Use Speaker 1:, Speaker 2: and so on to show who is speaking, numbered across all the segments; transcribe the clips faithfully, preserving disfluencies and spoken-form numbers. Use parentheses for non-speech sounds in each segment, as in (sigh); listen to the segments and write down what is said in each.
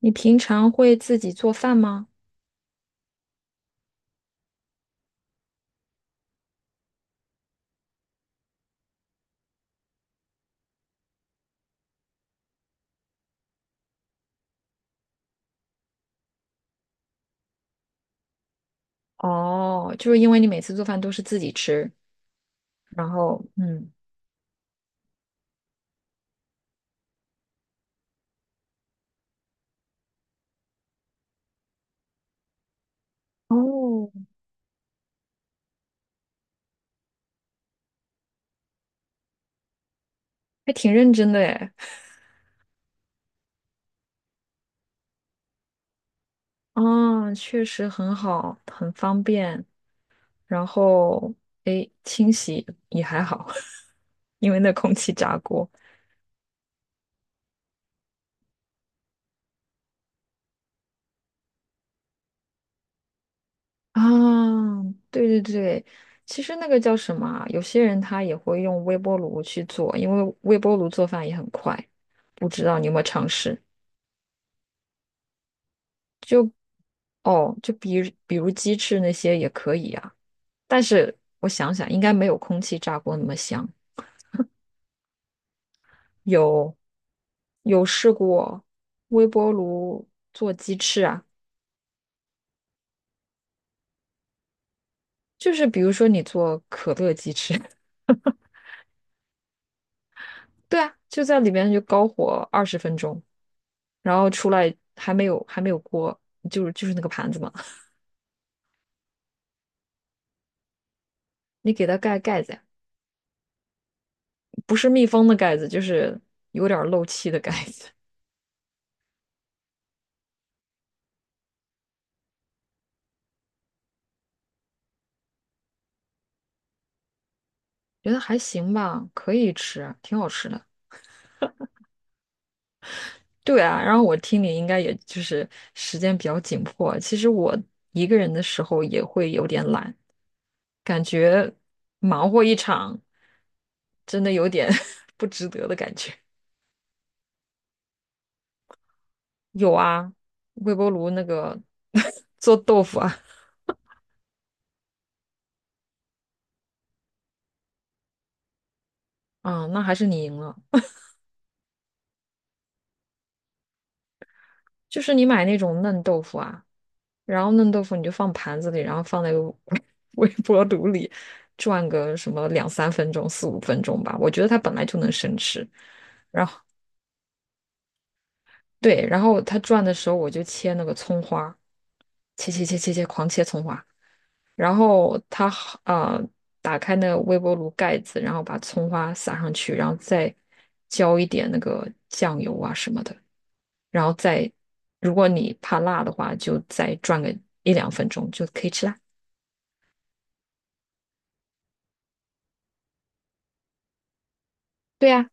Speaker 1: 你平常会自己做饭吗？哦，就是因为你每次做饭都是自己吃，然后嗯，哦，还挺认真的诶。啊，确实很好，很方便。然后诶，清洗也还好，(laughs) 因为那空气炸锅啊，对对对，其实那个叫什么啊有些人他也会用微波炉去做，因为微波炉做饭也很快。不知道你有没有尝试？哦，就比如比如鸡翅那些也可以啊，但是我想想，应该没有空气炸锅那么香。有有试过微波炉做鸡翅啊，就是比如说你做可乐鸡翅，(laughs) 对啊，就在里面就高火二十分钟，然后出来还没有还没有锅，就是就是那个盘子嘛，你给它盖盖子呀，不是密封的盖子，就是有点儿漏气的盖子，(laughs) 觉得还行吧，可以吃啊，挺好吃的。对啊，然后我听你应该也就是时间比较紧迫。其实我一个人的时候也会有点懒，感觉忙活一场，真的有点 (laughs) 不值得的感觉。有啊，微波炉那个 (laughs) 做豆腐啊，啊、那还是你赢了。就是你买那种嫩豆腐啊，然后嫩豆腐你就放盘子里，然后放在 (laughs) 微波炉里转个什么两三分钟、四五分钟吧。我觉得它本来就能生吃。然后。对，然后它转的时候，我就切那个葱花，切切切切切，狂切葱花。然后它好呃，打开那个微波炉盖子，然后把葱花撒上去，然后再浇一点那个酱油啊什么的，然后再，如果你怕辣的话，就再转个一两分钟就可以吃啦。对呀，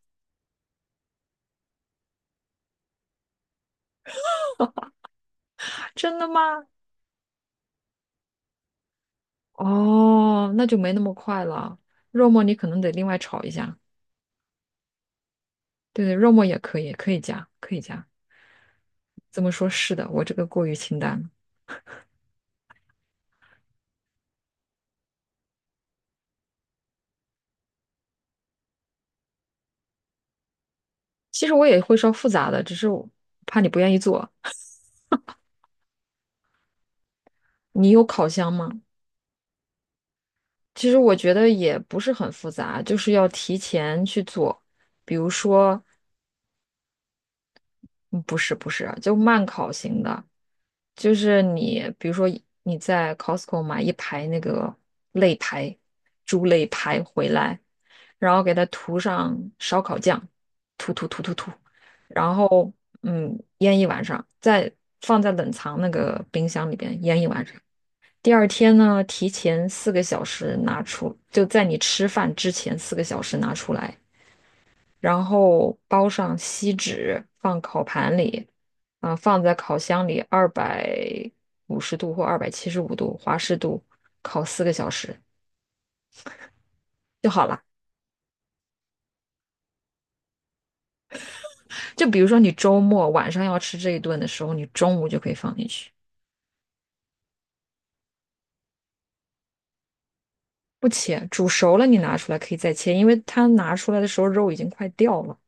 Speaker 1: 啊真的吗？哦，那就没那么快了。肉末你可能得另外炒一下。对对，肉末也可以，可以加，可以加。这么说，是的，我这个过于清淡了。其实我也会烧复杂的，只是我怕你不愿意做。你有烤箱吗？其实我觉得也不是很复杂，就是要提前去做。比如说，嗯不是不是啊，就慢烤型的，就是你比如说你在 Costco 买一排那个肋排，猪肋排回来，然后给它涂上烧烤酱，涂涂涂涂涂，然后嗯腌一晚上，再放在冷藏那个冰箱里边腌一晚上。第二天呢，提前四个小时拿出，就在你吃饭之前四个小时拿出来，然后包上锡纸，放烤盘里，啊、放在烤箱里二百五十度或二百七十五度华氏度烤四个小时就好了。就比如说你周末晚上要吃这一顿的时候，你中午就可以放进去，不切，煮熟了你拿出来可以再切，因为它拿出来的时候肉已经快掉了。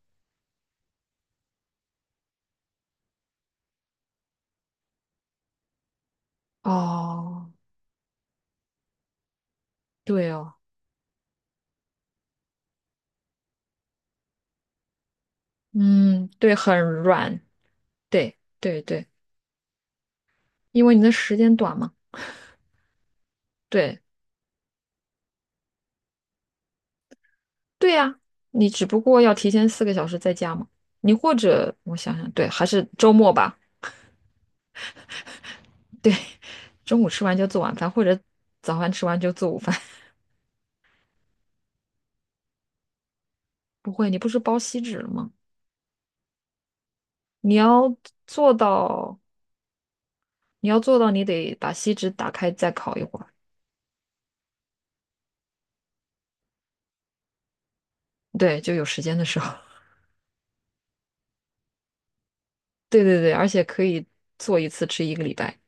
Speaker 1: 哦，对哦，嗯，对，很软，对对对，因为你的时间短嘛。对对呀，你只不过要提前四个小时在家嘛。你或者我想想，对，还是周末吧。对，中午吃完就做晚饭，或者早饭吃完就做午饭。(laughs) 不会，你不是包锡纸了吗？你要做到，你要做到，你得把锡纸打开再烤一会儿。对，就有时间的时候。(laughs) 对对对，而且可以做一次吃一个礼拜。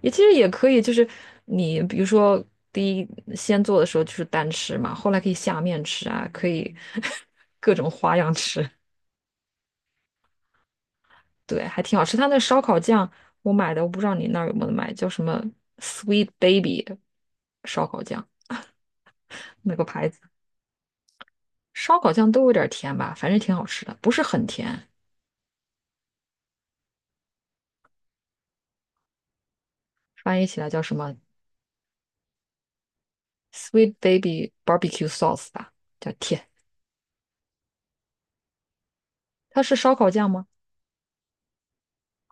Speaker 1: 也其实也可以，就是你比如说第一先做的时候就是单吃嘛，后来可以下面吃啊，可以 (laughs) 各种花样吃，对，还挺好吃。他那烧烤酱我买的，我不知道你那儿有没有买，叫什么 Sweet Baby 烧烤酱那个牌子，烧烤酱都有点甜吧，反正挺好吃的，不是很甜，翻译起来叫什么 Sweet Baby Barbecue Sauce 吧，叫甜。它是烧烤酱吗？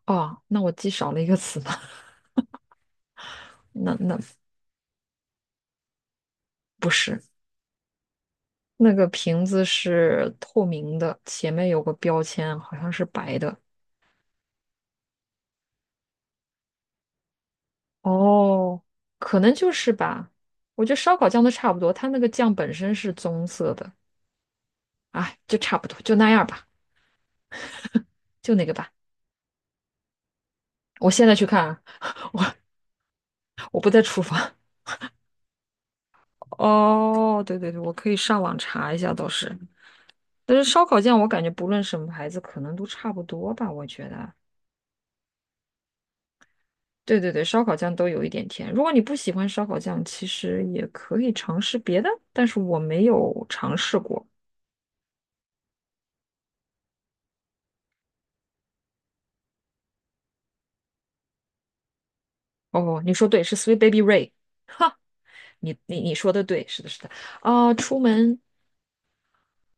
Speaker 1: 哦，那我记少了一个词呢，(laughs) 那那不是。那个瓶子是透明的，前面有个标签，好像是白的。哦，可能就是吧。我觉得烧烤酱都差不多，它那个酱本身是棕色的，哎，就差不多，就那样吧，就那个吧。我现在去看啊，我不在厨房。(laughs) 哦，对对对，我可以上网查一下，倒是。但是烧烤酱我感觉不论什么牌子，可能都差不多吧，我觉得。对对对，烧烤酱都有一点甜。如果你不喜欢烧烤酱，其实也可以尝试别的，但是我没有尝试过。哦，你说对，是 Sweet Baby Ray，你你你说的对，是的，是的。啊、出门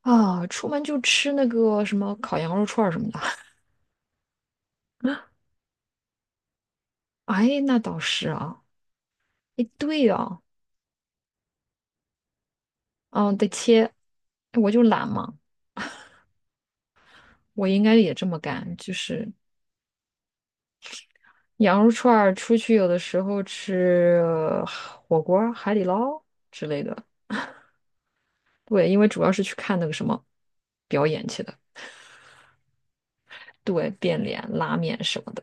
Speaker 1: 啊、出门就吃那个什么烤羊肉串儿什么的。哎，那倒是啊，哎，对呀、嗯、得切，我就懒嘛，我应该也这么干，就是羊肉串儿出去有的时候吃呃火锅儿海底捞之类的。对，因为主要是去看那个什么表演去的，对，变脸、拉面什么的，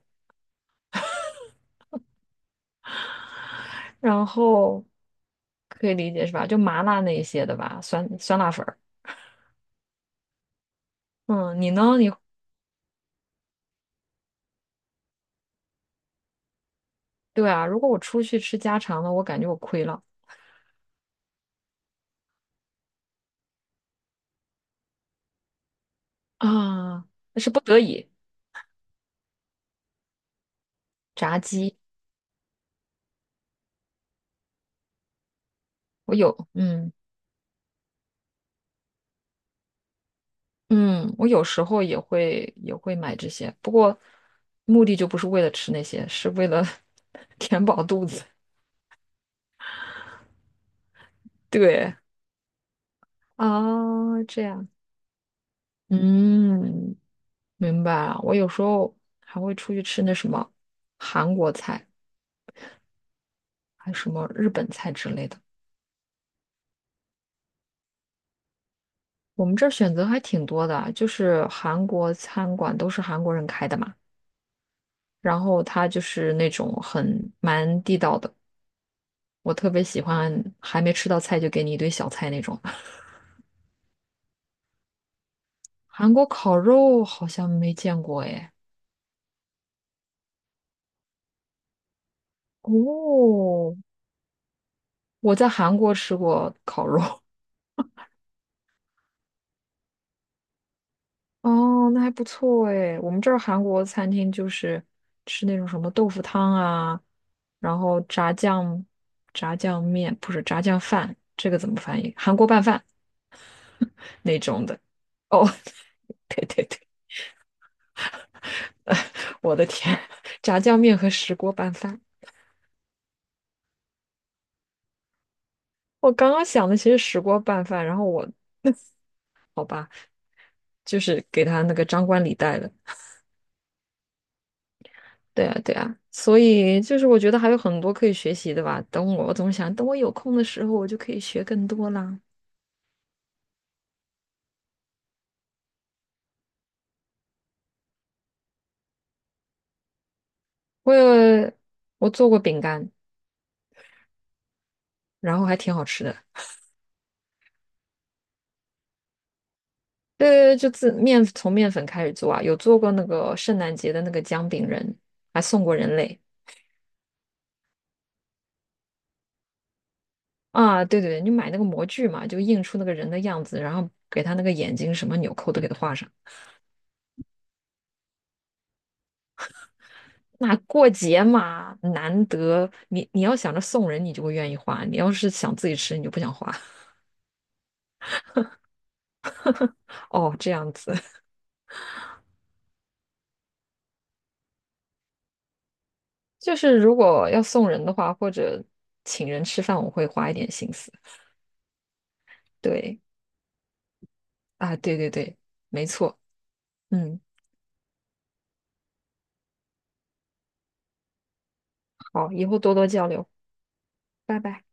Speaker 1: 然后可以理解是吧？就麻辣那一些的吧，酸酸辣粉儿。嗯，你呢？你对啊，如果我出去吃家常的，我感觉我亏了啊，那是不得已。炸鸡，我有，嗯嗯，我有时候也会也会买这些，不过目的就不是为了吃那些，是为了 (laughs) 填饱肚子。对啊，这样，嗯。明白了。我有时候还会出去吃那什么韩国菜，还什么日本菜之类的。我们这儿选择还挺多的啊，就是韩国餐馆都是韩国人开的嘛，然后它就是那种很蛮地道的。我特别喜欢还没吃到菜就给你一堆小菜那种。(laughs) 韩国烤肉好像没见过哎，哦，我在韩国吃过烤肉，(laughs) 哦，那还不错诶。我们这儿韩国餐厅就是吃那种什么豆腐汤啊，然后炸酱、炸酱面，不是炸酱饭，这个怎么翻译？韩国拌饭那种的。哦，(laughs) 对对对，(laughs) 我的天，炸酱面和石锅拌饭。我刚刚想的其实石锅拌饭，然后我就是给他那个张冠李戴了。对啊，对啊，所以就是我觉得还有很多可以学习的吧。等我，我总想等我有空的时候，我就可以学更多啦。我有我做过饼干，然后还挺好吃的。对对对，就自面从面粉开始做啊，有做过那个圣诞节的那个姜饼人，还送过人类啊。对对对，你买那个模具嘛，就印出那个人的样子，然后给他那个眼睛什么纽扣都给他画上。那过节嘛，难得你你要想着送人，你就会愿意花；你要是想自己吃，你就不想花。(laughs) 哦，这样子，(laughs) 就是如果要送人的话，或者请人吃饭，我会花一点心思。对。啊，对对对，没错，嗯，好，以后多多交流，拜拜。